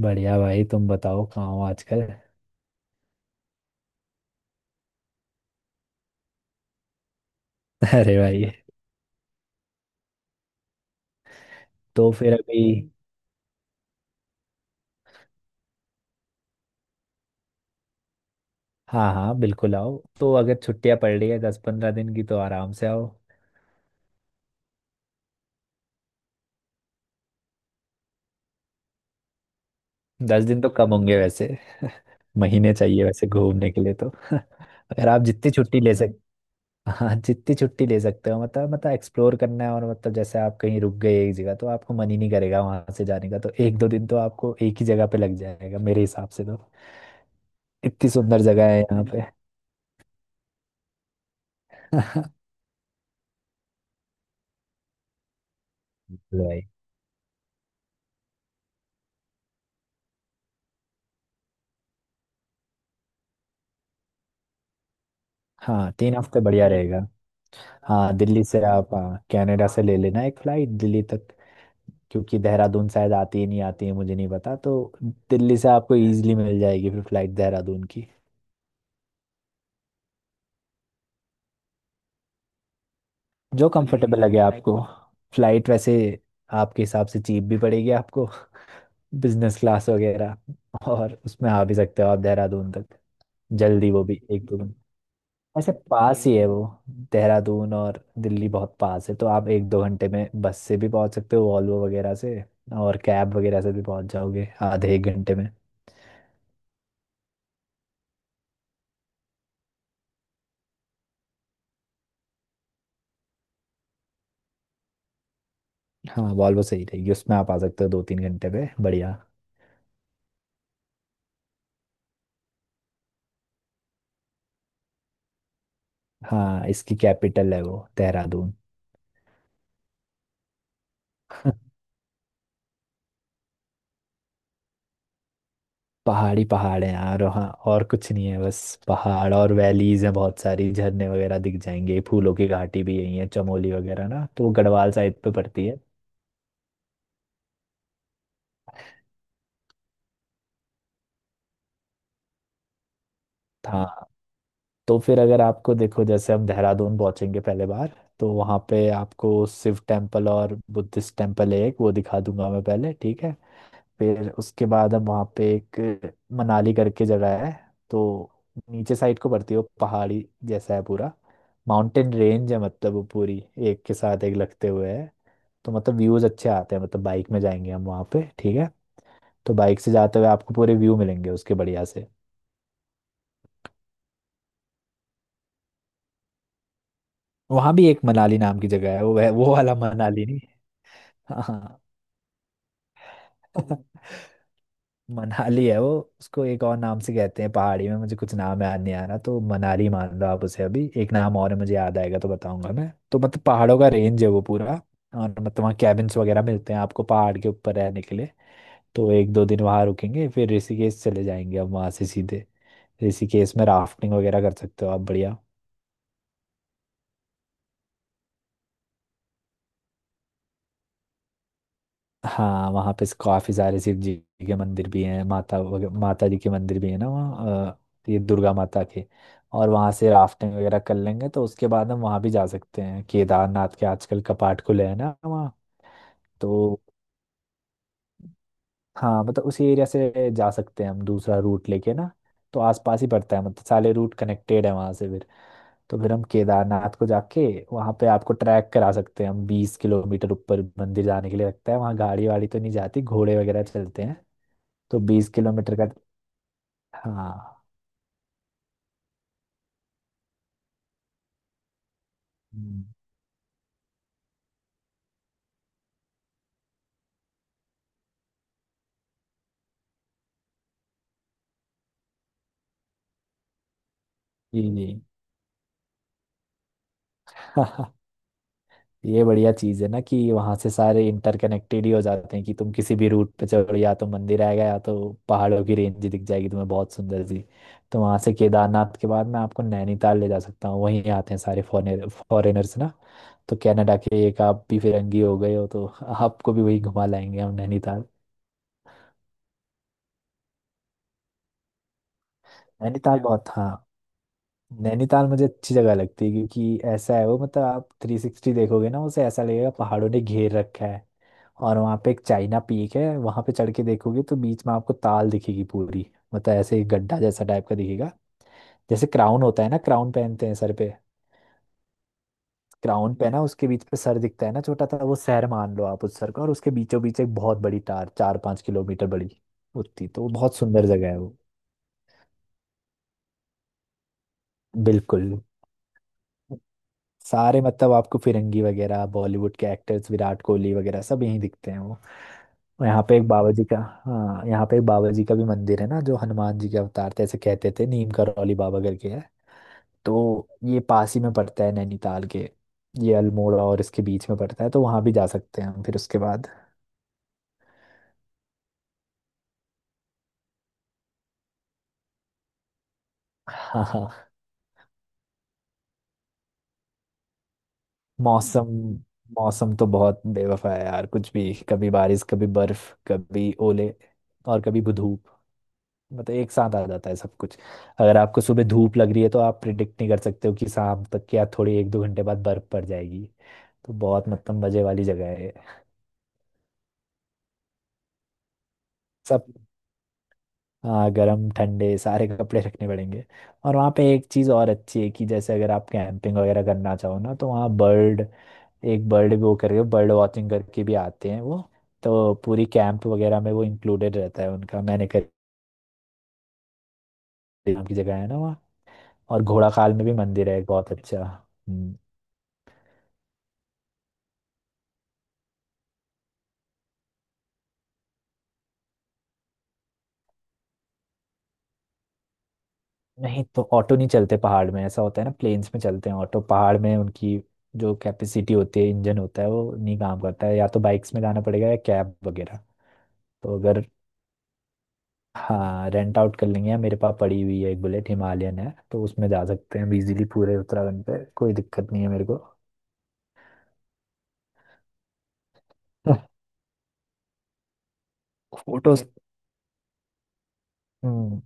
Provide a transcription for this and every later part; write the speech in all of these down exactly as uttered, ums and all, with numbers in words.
बढ़िया भाई, तुम बताओ कहाँ हो आजकल। अरे भाई। तो फिर अभी। हाँ हाँ बिल्कुल आओ। तो अगर छुट्टियां पड़ रही है दस पंद्रह दिन की तो आराम से आओ। दस दिन तो कम होंगे वैसे। महीने चाहिए वैसे घूमने के लिए तो। अगर आप जितनी छुट्टी ले सक, हाँ जितनी छुट्टी ले सकते हो, मतलब मतलब एक्सप्लोर करना है। और मतलब जैसे आप कहीं रुक गए एक जगह तो आपको मन ही नहीं करेगा वहां से जाने का, तो एक दो दिन तो आपको एक ही जगह पे लग जाएगा मेरे हिसाब से तो। इतनी सुंदर जगह है यहाँ पे। भाई। हाँ, तीन हफ्ते बढ़िया रहेगा। हाँ दिल्ली से आप, हाँ, कनाडा से ले लेना एक फ्लाइट दिल्ली तक। क्योंकि देहरादून शायद आती है, नहीं आती है मुझे नहीं पता। तो दिल्ली से आपको इजीली मिल जाएगी फिर फ्लाइट देहरादून की। जो कंफर्टेबल लगे आपको। फ्लाइट वैसे आपके हिसाब से चीप भी पड़ेगी आपको, बिजनेस क्लास वगैरह, और उसमें आ भी सकते हो आप देहरादून तक जल्दी। वो भी एक दो ऐसे पास ही है वो। देहरादून और दिल्ली बहुत पास है, तो आप एक दो घंटे में बस से भी पहुंच सकते हो, वॉल्वो वगैरह से। और कैब वगैरह से भी पहुंच जाओगे आधे एक घंटे में। हाँ, वॉल्वो सही रहेगी, उसमें आप आ सकते हो दो तीन घंटे में, बढ़िया। हाँ, इसकी कैपिटल है वो देहरादून। पहाड़ी पहाड़ है यार वहाँ, और कुछ नहीं है बस। पहाड़ और वैलीज हैं बहुत सारी, झरने वगैरह दिख जाएंगे। फूलों की घाटी भी यही है, चमोली वगैरह ना, तो वो गढ़वाल साइड पे पड़ती है। हाँ, तो फिर अगर आपको देखो, जैसे हम देहरादून पहुंचेंगे पहले बार, तो वहाँ पे आपको शिव टेम्पल और बुद्धिस्ट टेम्पल है एक, वो दिखा दूंगा मैं पहले, ठीक है। फिर उसके बाद हम वहाँ पे एक मनाली करके जगह है, तो नीचे साइड को पड़ती है वो, पहाड़ी जैसा है पूरा। माउंटेन रेंज है मतलब वो पूरी, एक के साथ एक लगते हुए है। तो मतलब व्यूज अच्छे आते हैं, मतलब बाइक में जाएंगे हम वहाँ पे, ठीक है। तो बाइक से जाते हुए आपको पूरे व्यू मिलेंगे उसके बढ़िया से। वहाँ भी एक मनाली नाम की जगह है, वो वह- वो वाला मनाली नहीं। हाँ। मनाली है वो। उसको एक और नाम से कहते हैं पहाड़ी में, मुझे कुछ नाम याद नहीं आ रहा, तो मनाली मान लो आप उसे अभी, एक नाम और है मुझे याद आएगा तो बताऊंगा मैं। तो मतलब पहाड़ों का रेंज है वो पूरा। और मतलब वहाँ कैबिन्स वगैरह मिलते हैं आपको पहाड़ के ऊपर रहने के लिए। तो एक दो दिन वहाँ रुकेंगे, फिर ऋषिकेश चले जाएंगे अब वहाँ से सीधे। ऋषिकेश में राफ्टिंग वगैरह कर सकते हो आप, बढ़िया। हाँ, वहाँ पे काफी सारे शिव जी के मंदिर भी हैं, माता वग- माता जी के मंदिर भी है ना वहाँ, अ, ये दुर्गा माता के। और वहाँ से राफ्टिंग वगैरह कर लेंगे, तो उसके बाद हम वहाँ भी जा सकते हैं केदारनाथ के। आजकल कपाट खुले हैं ना वहाँ, तो हाँ मतलब उसी एरिया से जा सकते हैं हम दूसरा रूट लेके ना। तो आसपास ही पड़ता है, मतलब सारे रूट कनेक्टेड है वहाँ से फिर। तो फिर हम केदारनाथ को जाके, वहाँ पे आपको ट्रैक करा सकते हैं हम। बीस किलोमीटर ऊपर मंदिर जाने के लिए लगता है, वहाँ गाड़ी वाड़ी तो नहीं जाती, घोड़े वगैरह चलते हैं। तो बीस किलोमीटर का। हाँ। हम्म। जी जी। ये बढ़िया चीज़ है ना कि वहाँ से सारे इंटरकनेक्टेड ही हो जाते हैं, कि तुम किसी भी रूट पे चढ़ो या तो मंदिर आएगा या तो पहाड़ों की रेंज दिख जाएगी तुम्हें, बहुत सुंदर सी। तो वहाँ से केदारनाथ के बाद मैं आपको नैनीताल ले जा सकता हूँ। वहीं आते हैं सारे फॉरेनर फॉरेनर्स ना, तो कनाडा के एक आप भी फिरंगी हो गए हो, तो आपको भी वही घुमा लाएंगे हम, नैनीताल। नैनीताल बहुत, हाँ नैनीताल मुझे अच्छी जगह लगती है क्योंकि ऐसा है वो, मतलब आप थ्री सिक्सटी देखोगे ना उसे, ऐसा लगेगा पहाड़ों ने घेर रखा है। और वहाँ पे एक चाइना पीक है, वहाँ पे चढ़ के देखोगे तो बीच में आपको ताल दिखेगी पूरी। मतलब ऐसे एक गड्ढा जैसा टाइप का दिखेगा, जैसे क्राउन होता है ना, क्राउन पहनते हैं सर पे। क्राउन पहना उसके बीच पे सर दिखता है ना छोटा सा, वो शहर मान लो आप उस सर का, और उसके बीचों बीच एक बहुत बड़ी टार, चार पाँच किलोमीटर बड़ी उतनी, तो वो बहुत सुंदर जगह है वो। बिल्कुल, सारे मतलब आपको फिरंगी वगैरह, बॉलीवुड के एक्टर्स विराट कोहली वगैरह सब यहीं दिखते हैं वो। और यहाँ पे एक बाबा जी का, हाँ यहाँ पे एक बाबा जी का भी मंदिर है ना, जो हनुमान जी के अवतार थे ऐसे कहते थे, नीम करौली बाबा करके है। तो ये पास ही में पड़ता है नैनीताल के, ये अल्मोड़ा और इसके बीच में पड़ता है, तो वहाँ भी जा सकते हैं हम फिर उसके बाद। हाँ हाँ। मौसम, मौसम तो बहुत बेवफा है यार, कुछ भी, कभी बारिश कभी बर्फ कभी ओले और कभी धूप। मतलब एक साथ आ जाता है सब कुछ। अगर आपको सुबह धूप लग रही है तो आप प्रिडिक्ट नहीं कर सकते हो कि शाम तक या थोड़ी एक दो घंटे बाद बर्फ पड़ जाएगी। तो बहुत मतलब मजे वाली जगह है ये। सब, हाँ गर्म ठंडे सारे कपड़े रखने पड़ेंगे। और वहाँ पे एक चीज़ और अच्छी है कि जैसे अगर आप कैंपिंग वगैरह करना चाहो ना, तो वहाँ बर्ड, एक बर्ड वो करके बर्ड वॉचिंग करके भी आते हैं वो। तो पूरी कैंप वगैरह में वो इंक्लूडेड रहता है उनका, मैंने नाम की जगह है ना वहाँ। और घोड़ाखाल में भी मंदिर है एक बहुत अच्छा। हम्म। नहीं तो ऑटो नहीं चलते पहाड़ में, ऐसा होता है ना प्लेन्स में चलते हैं ऑटो, पहाड़ में उनकी जो कैपेसिटी होती है, इंजन होता है वो नहीं काम करता है, या तो बाइक्स में जाना पड़ेगा या कैब वगैरह। तो अगर, हाँ रेंट आउट कर लेंगे, या मेरे पास पड़ी हुई है एक बुलेट, हिमालयन है, तो उसमें जा सकते हैं इजीली पूरे उत्तराखंड पे, कोई दिक्कत नहीं है मेरे को। फोटोज। हम्म।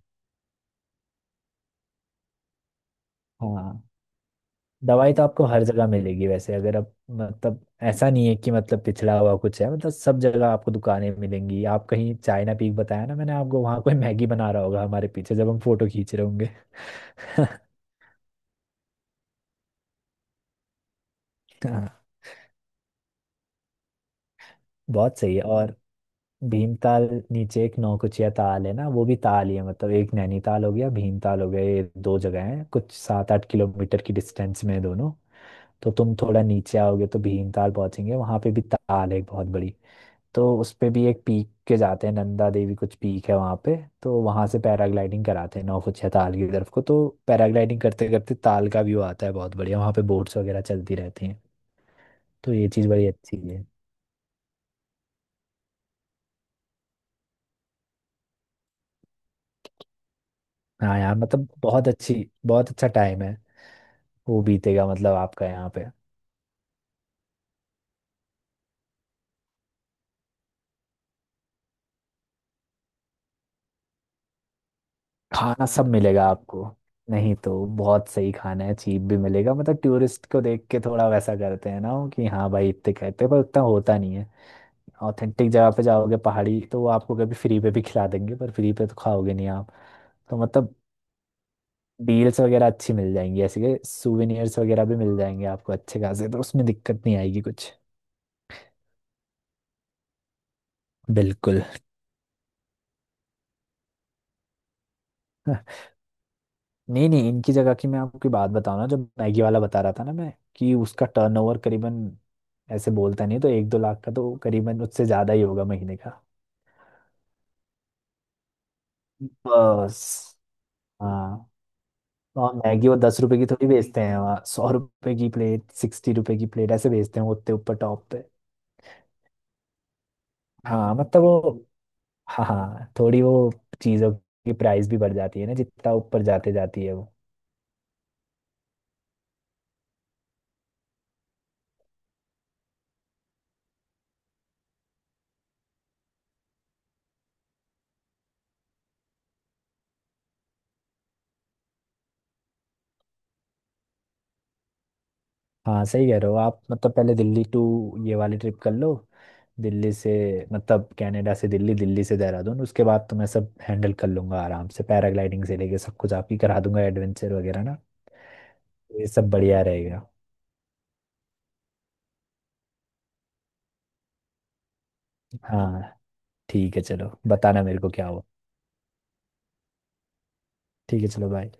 हाँ दवाई तो आपको हर जगह मिलेगी वैसे, अगर आप, मतलब ऐसा नहीं है कि मतलब पिछड़ा हुआ कुछ है, मतलब सब जगह आपको दुकानें मिलेंगी। आप कहीं, चाइना पीक बताया ना मैंने आपको, वहाँ कोई मैगी बना रहा होगा हमारे पीछे जब हम फोटो खींच रहे होंगे। हाँ, बहुत सही है। और भीमताल, नीचे एक नौकुचिया ताल है ना, वो भी ताल ही है, मतलब एक नैनीताल हो गया, भीमताल हो गया, ये दो जगह हैं कुछ सात आठ किलोमीटर की डिस्टेंस में है दोनों। तो तुम थोड़ा नीचे आओगे तो भीमताल पहुंचेंगे, वहां पे भी ताल है एक बहुत बड़ी। तो उस पे भी एक पीक के जाते हैं, नंदा देवी कुछ पीक है वहाँ पे। तो वहाँ से पैराग्लाइडिंग कराते हैं नौकुचिया ताल की तरफ को, तो पैराग्लाइडिंग करते करते ताल का व्यू आता है बहुत बढ़िया। वहाँ पे बोट्स वगैरह चलती रहती हैं। तो ये चीज़ बड़ी अच्छी है। हाँ यार मतलब बहुत अच्छी, बहुत अच्छा टाइम है वो बीतेगा मतलब आपका यहाँ पे। खाना सब मिलेगा आपको, नहीं तो बहुत सही खाना है, चीप भी मिलेगा, मतलब टूरिस्ट को देख के थोड़ा वैसा करते हैं ना वो कि हाँ भाई इतने कहते हैं, पर उतना होता नहीं है। ऑथेंटिक जगह पे जाओगे पहाड़ी, तो वो आपको कभी फ्री पे भी खिला देंगे, पर फ्री पे तो खाओगे नहीं आप। तो मतलब डील्स वगैरह अच्छी मिल जाएंगी, ऐसे के सुवेनियर्स वगैरह भी मिल जाएंगे आपको अच्छे खासे, तो उसमें दिक्कत नहीं आएगी कुछ। बिल्कुल। नहीं नहीं, इनकी जगह की मैं आपकी बात बताऊं ना, जो मैगी वाला बता रहा था ना मैं, कि उसका टर्नओवर करीबन, ऐसे बोलता नहीं, तो एक दो लाख का तो करीबन, उससे ज्यादा ही होगा महीने का। बस। हाँ, और मैगी वो दस रुपए की थोड़ी बेचते हैं वहाँ, सौ रुपए की प्लेट, सिक्सटी रुपए की प्लेट ऐसे बेचते हैं वो उतने ऊपर टॉप पे। हाँ मतलब वो, हाँ हाँ थोड़ी वो चीज़ों की प्राइस भी बढ़ जाती है ना जितना ऊपर जाते जाती है वो। हाँ सही कह रहे हो आप, मतलब पहले दिल्ली टू, ये वाली ट्रिप कर लो। दिल्ली से, मतलब कनाडा से दिल्ली, दिल्ली से देहरादून, उसके बाद तो मैं सब हैंडल कर लूंगा आराम से, पैराग्लाइडिंग से लेके सब कुछ आप ही करा दूंगा एडवेंचर वगैरह ना। ये सब बढ़िया रहेगा। हाँ ठीक है चलो, बताना मेरे को क्या हुआ। ठीक है चलो बाय।